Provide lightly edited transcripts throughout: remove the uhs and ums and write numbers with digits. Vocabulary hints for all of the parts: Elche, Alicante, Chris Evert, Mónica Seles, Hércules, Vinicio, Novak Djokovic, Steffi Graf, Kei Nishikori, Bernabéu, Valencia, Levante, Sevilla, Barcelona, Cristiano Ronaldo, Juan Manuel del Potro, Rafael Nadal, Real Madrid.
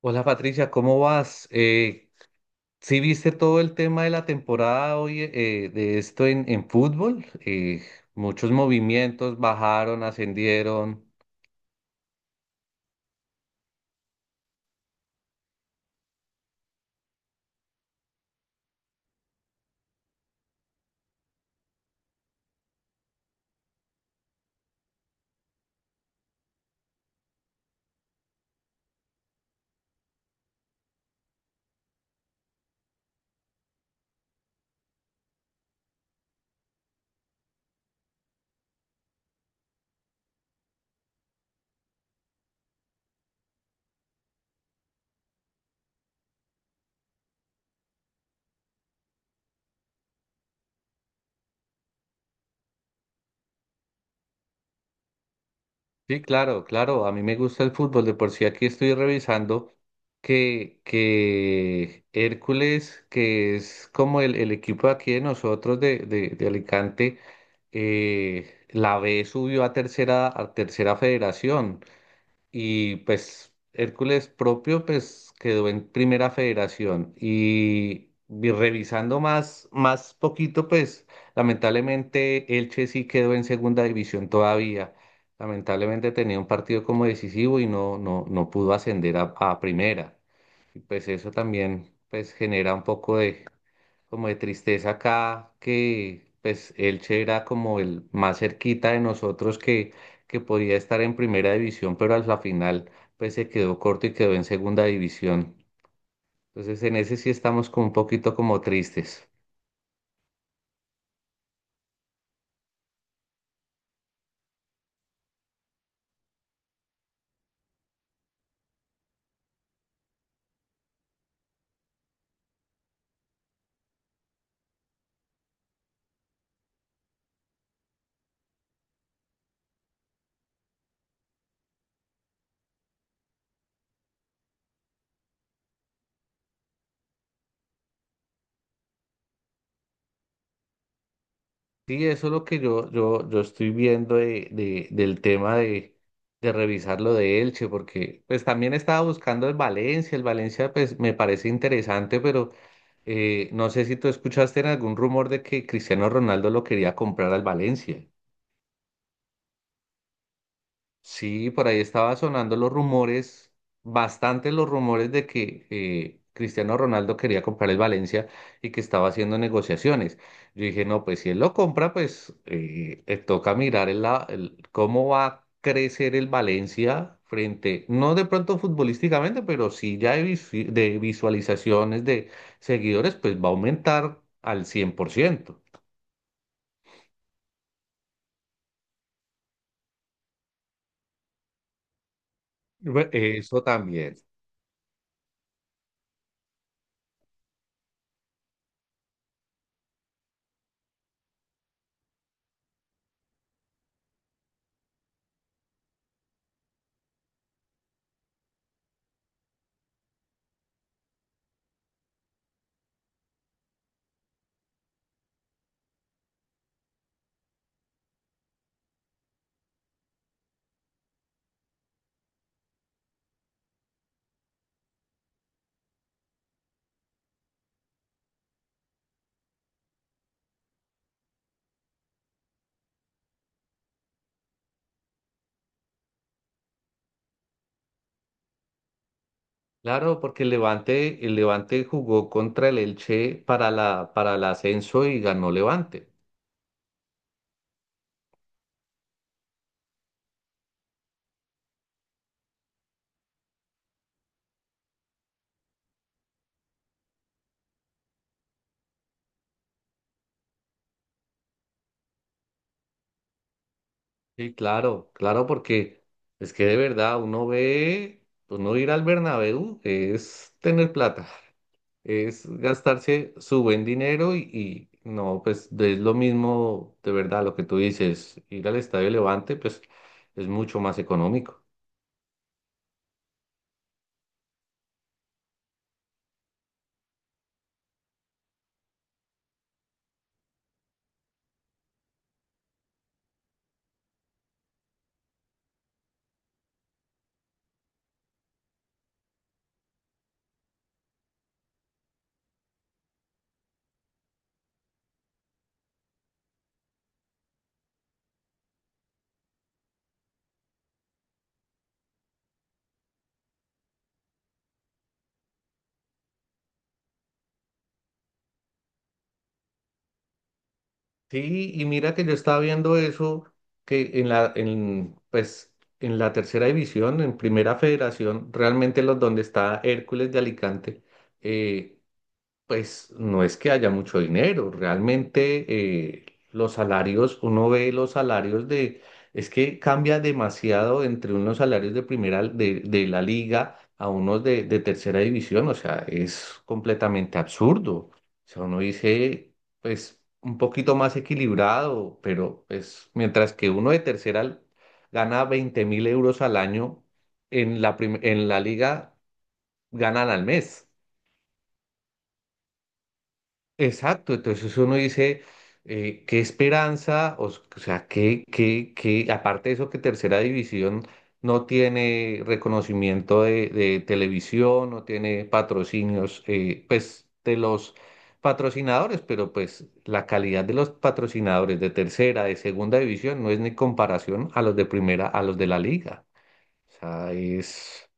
Hola Patricia, ¿cómo vas? ¿Sí viste todo el tema de la temporada hoy de esto en fútbol? Muchos movimientos bajaron, ascendieron. Sí, claro, claro, a mí me gusta el fútbol. De por sí aquí estoy revisando que Hércules, que es como el equipo de aquí de nosotros de Alicante, la B subió a tercera federación. Y pues Hércules propio pues quedó en primera federación y, revisando más, más poquito pues lamentablemente Elche sí quedó en segunda división todavía. Lamentablemente tenía un partido como decisivo y no pudo ascender a primera. Y pues eso también pues genera un poco de como de tristeza acá, que pues Elche era como el más cerquita de nosotros que podía estar en primera división, pero a la final pues se quedó corto y quedó en segunda división. Entonces en ese sí estamos como un poquito como tristes. Sí, eso es lo que yo estoy viendo del tema de revisar lo de Elche, porque pues también estaba buscando el Valencia pues me parece interesante, pero no sé si tú escuchaste en algún rumor de que Cristiano Ronaldo lo quería comprar al Valencia. Sí, por ahí estaba sonando los rumores, bastante los rumores de que Cristiano Ronaldo quería comprar el Valencia y que estaba haciendo negociaciones. Yo dije, no, pues si él lo compra, pues toca mirar cómo va a crecer el Valencia frente, no de pronto futbolísticamente, pero sí ya de de visualizaciones, de seguidores, pues va a aumentar al 100%. Eso también. Claro, porque el Levante jugó contra el Elche para la, para el ascenso y ganó Levante. Sí, claro, claro, porque es que de verdad uno ve, uno ir al Bernabéu es tener plata, es gastarse su buen dinero y no, pues es lo mismo, de verdad, lo que tú dices, ir al Estadio Levante, pues es mucho más económico. Sí, y mira que yo estaba viendo eso, que en pues, en la tercera división, en primera federación, realmente los donde está Hércules de Alicante, eh, pues no es que haya mucho dinero, realmente los salarios, uno ve los salarios de, es que cambia demasiado entre unos salarios de primera, de la liga a unos de tercera división, o sea, es completamente absurdo. O sea, uno dice, pues un poquito más equilibrado, pero pues mientras que uno de tercera gana 20.000 euros al año, en en la liga ganan al mes. Exacto, entonces uno dice, qué esperanza, o sea, que, aparte de eso que Tercera División no tiene reconocimiento de televisión, no tiene patrocinios, pues de los patrocinadores, pero pues la calidad de los patrocinadores de Tercera, de Segunda División no es ni comparación a los de Primera, a los de la Liga. O sea, es...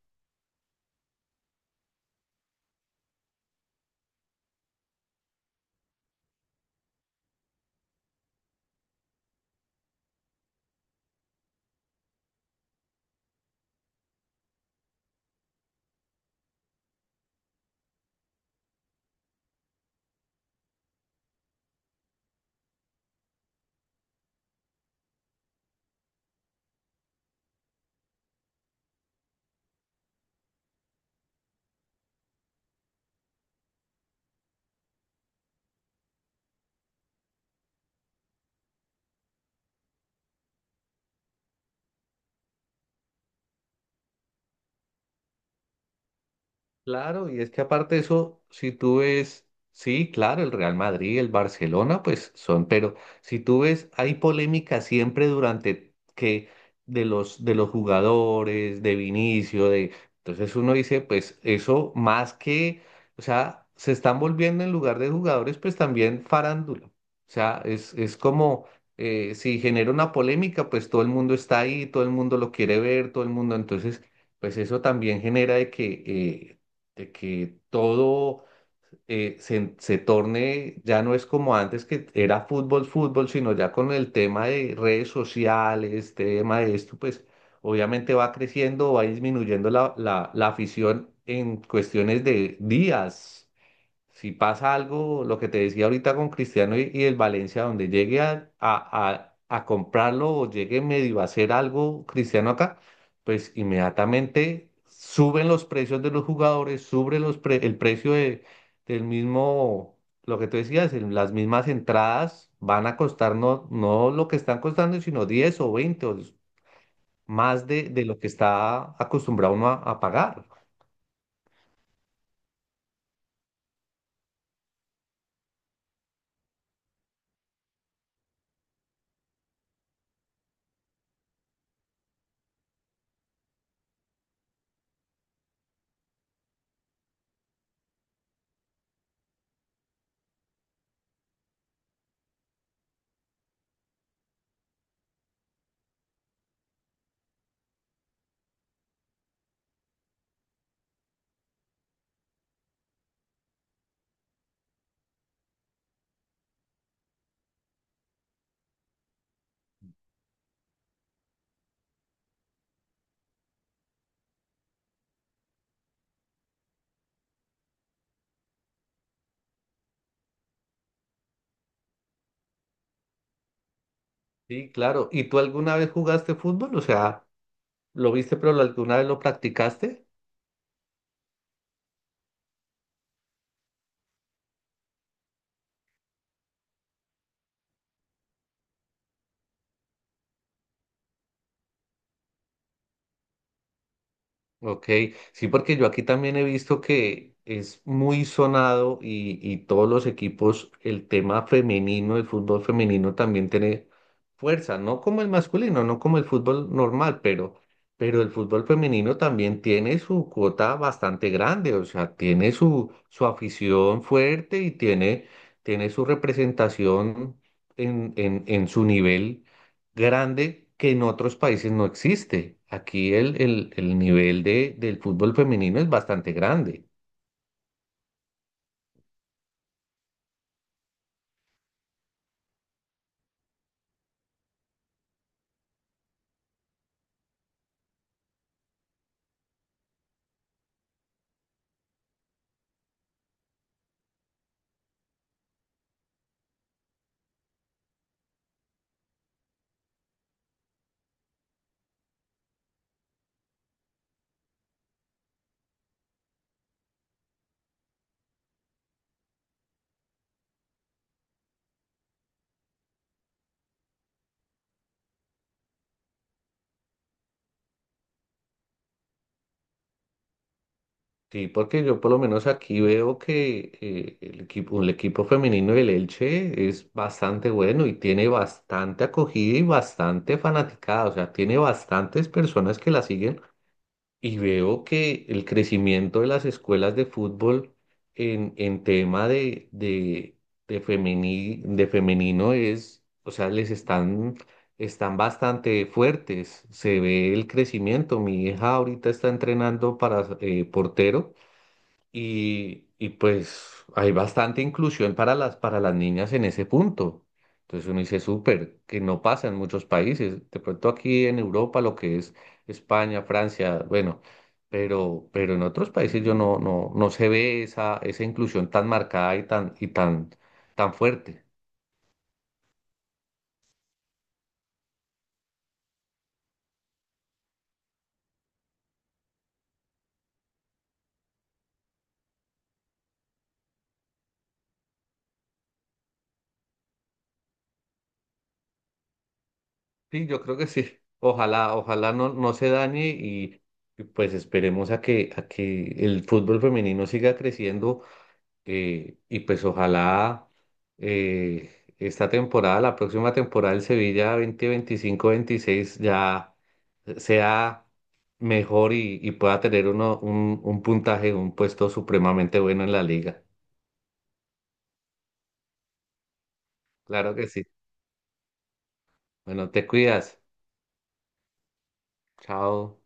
Claro, y es que aparte de eso, si tú ves, sí, claro, el Real Madrid, el Barcelona, pues son, pero si tú ves, hay polémica siempre durante que de los jugadores, de Vinicio, de entonces uno dice, pues eso más que, o sea, se están volviendo en lugar de jugadores, pues también farándula. O sea, es como si genera una polémica, pues todo el mundo está ahí, todo el mundo lo quiere ver, todo el mundo, entonces pues eso también genera de que todo se torne, ya no es como antes que era fútbol, fútbol, sino ya con el tema de redes sociales, tema de esto, pues obviamente va creciendo, va disminuyendo la afición en cuestiones de días. Si pasa algo, lo que te decía ahorita con Cristiano y el Valencia, donde llegue a comprarlo o llegue medio a hacer algo Cristiano acá, pues inmediatamente suben los precios de los jugadores, sube los el precio de, del mismo, lo que tú decías, el- las mismas entradas van a costar no, no lo que están costando, sino 10 o 20 o más de lo que está acostumbrado uno a pagar. Sí, claro. ¿Y tú alguna vez jugaste fútbol? O sea... ¿Lo viste, pero alguna vez lo practicaste? Ok, sí, porque yo aquí también he visto que es muy sonado y todos los equipos, el tema femenino, el fútbol femenino también tiene fuerza, no como el masculino, no como el fútbol normal, pero el fútbol femenino también tiene su cuota bastante grande, o sea, tiene su afición fuerte y tiene, tiene su representación en, en su nivel grande que en otros países no existe. Aquí el nivel de, del fútbol femenino es bastante grande. Sí, porque yo por lo menos aquí veo que el equipo femenino del Elche es bastante bueno y tiene bastante acogida y bastante fanaticada. O sea, tiene bastantes personas que la siguen. Y veo que el crecimiento de las escuelas de fútbol en tema de femenino es, o sea, les están, están bastante fuertes. Se ve el crecimiento. Mi hija ahorita está entrenando para portero y pues hay bastante inclusión para las niñas en ese punto. Entonces uno dice, súper, que no pasa en muchos países. De pronto aquí en Europa, lo que es España, Francia, bueno, pero en otros países yo no se ve esa, esa inclusión tan marcada y tan, tan fuerte. Sí, yo creo que sí. Ojalá, ojalá no se dañe y pues esperemos a que el fútbol femenino siga creciendo. Y pues ojalá esta temporada, la próxima temporada del Sevilla 2025-2026 ya sea mejor y pueda tener uno, un puntaje, un puesto supremamente bueno en la liga. Claro que sí. Bueno, te cuidas. Chao.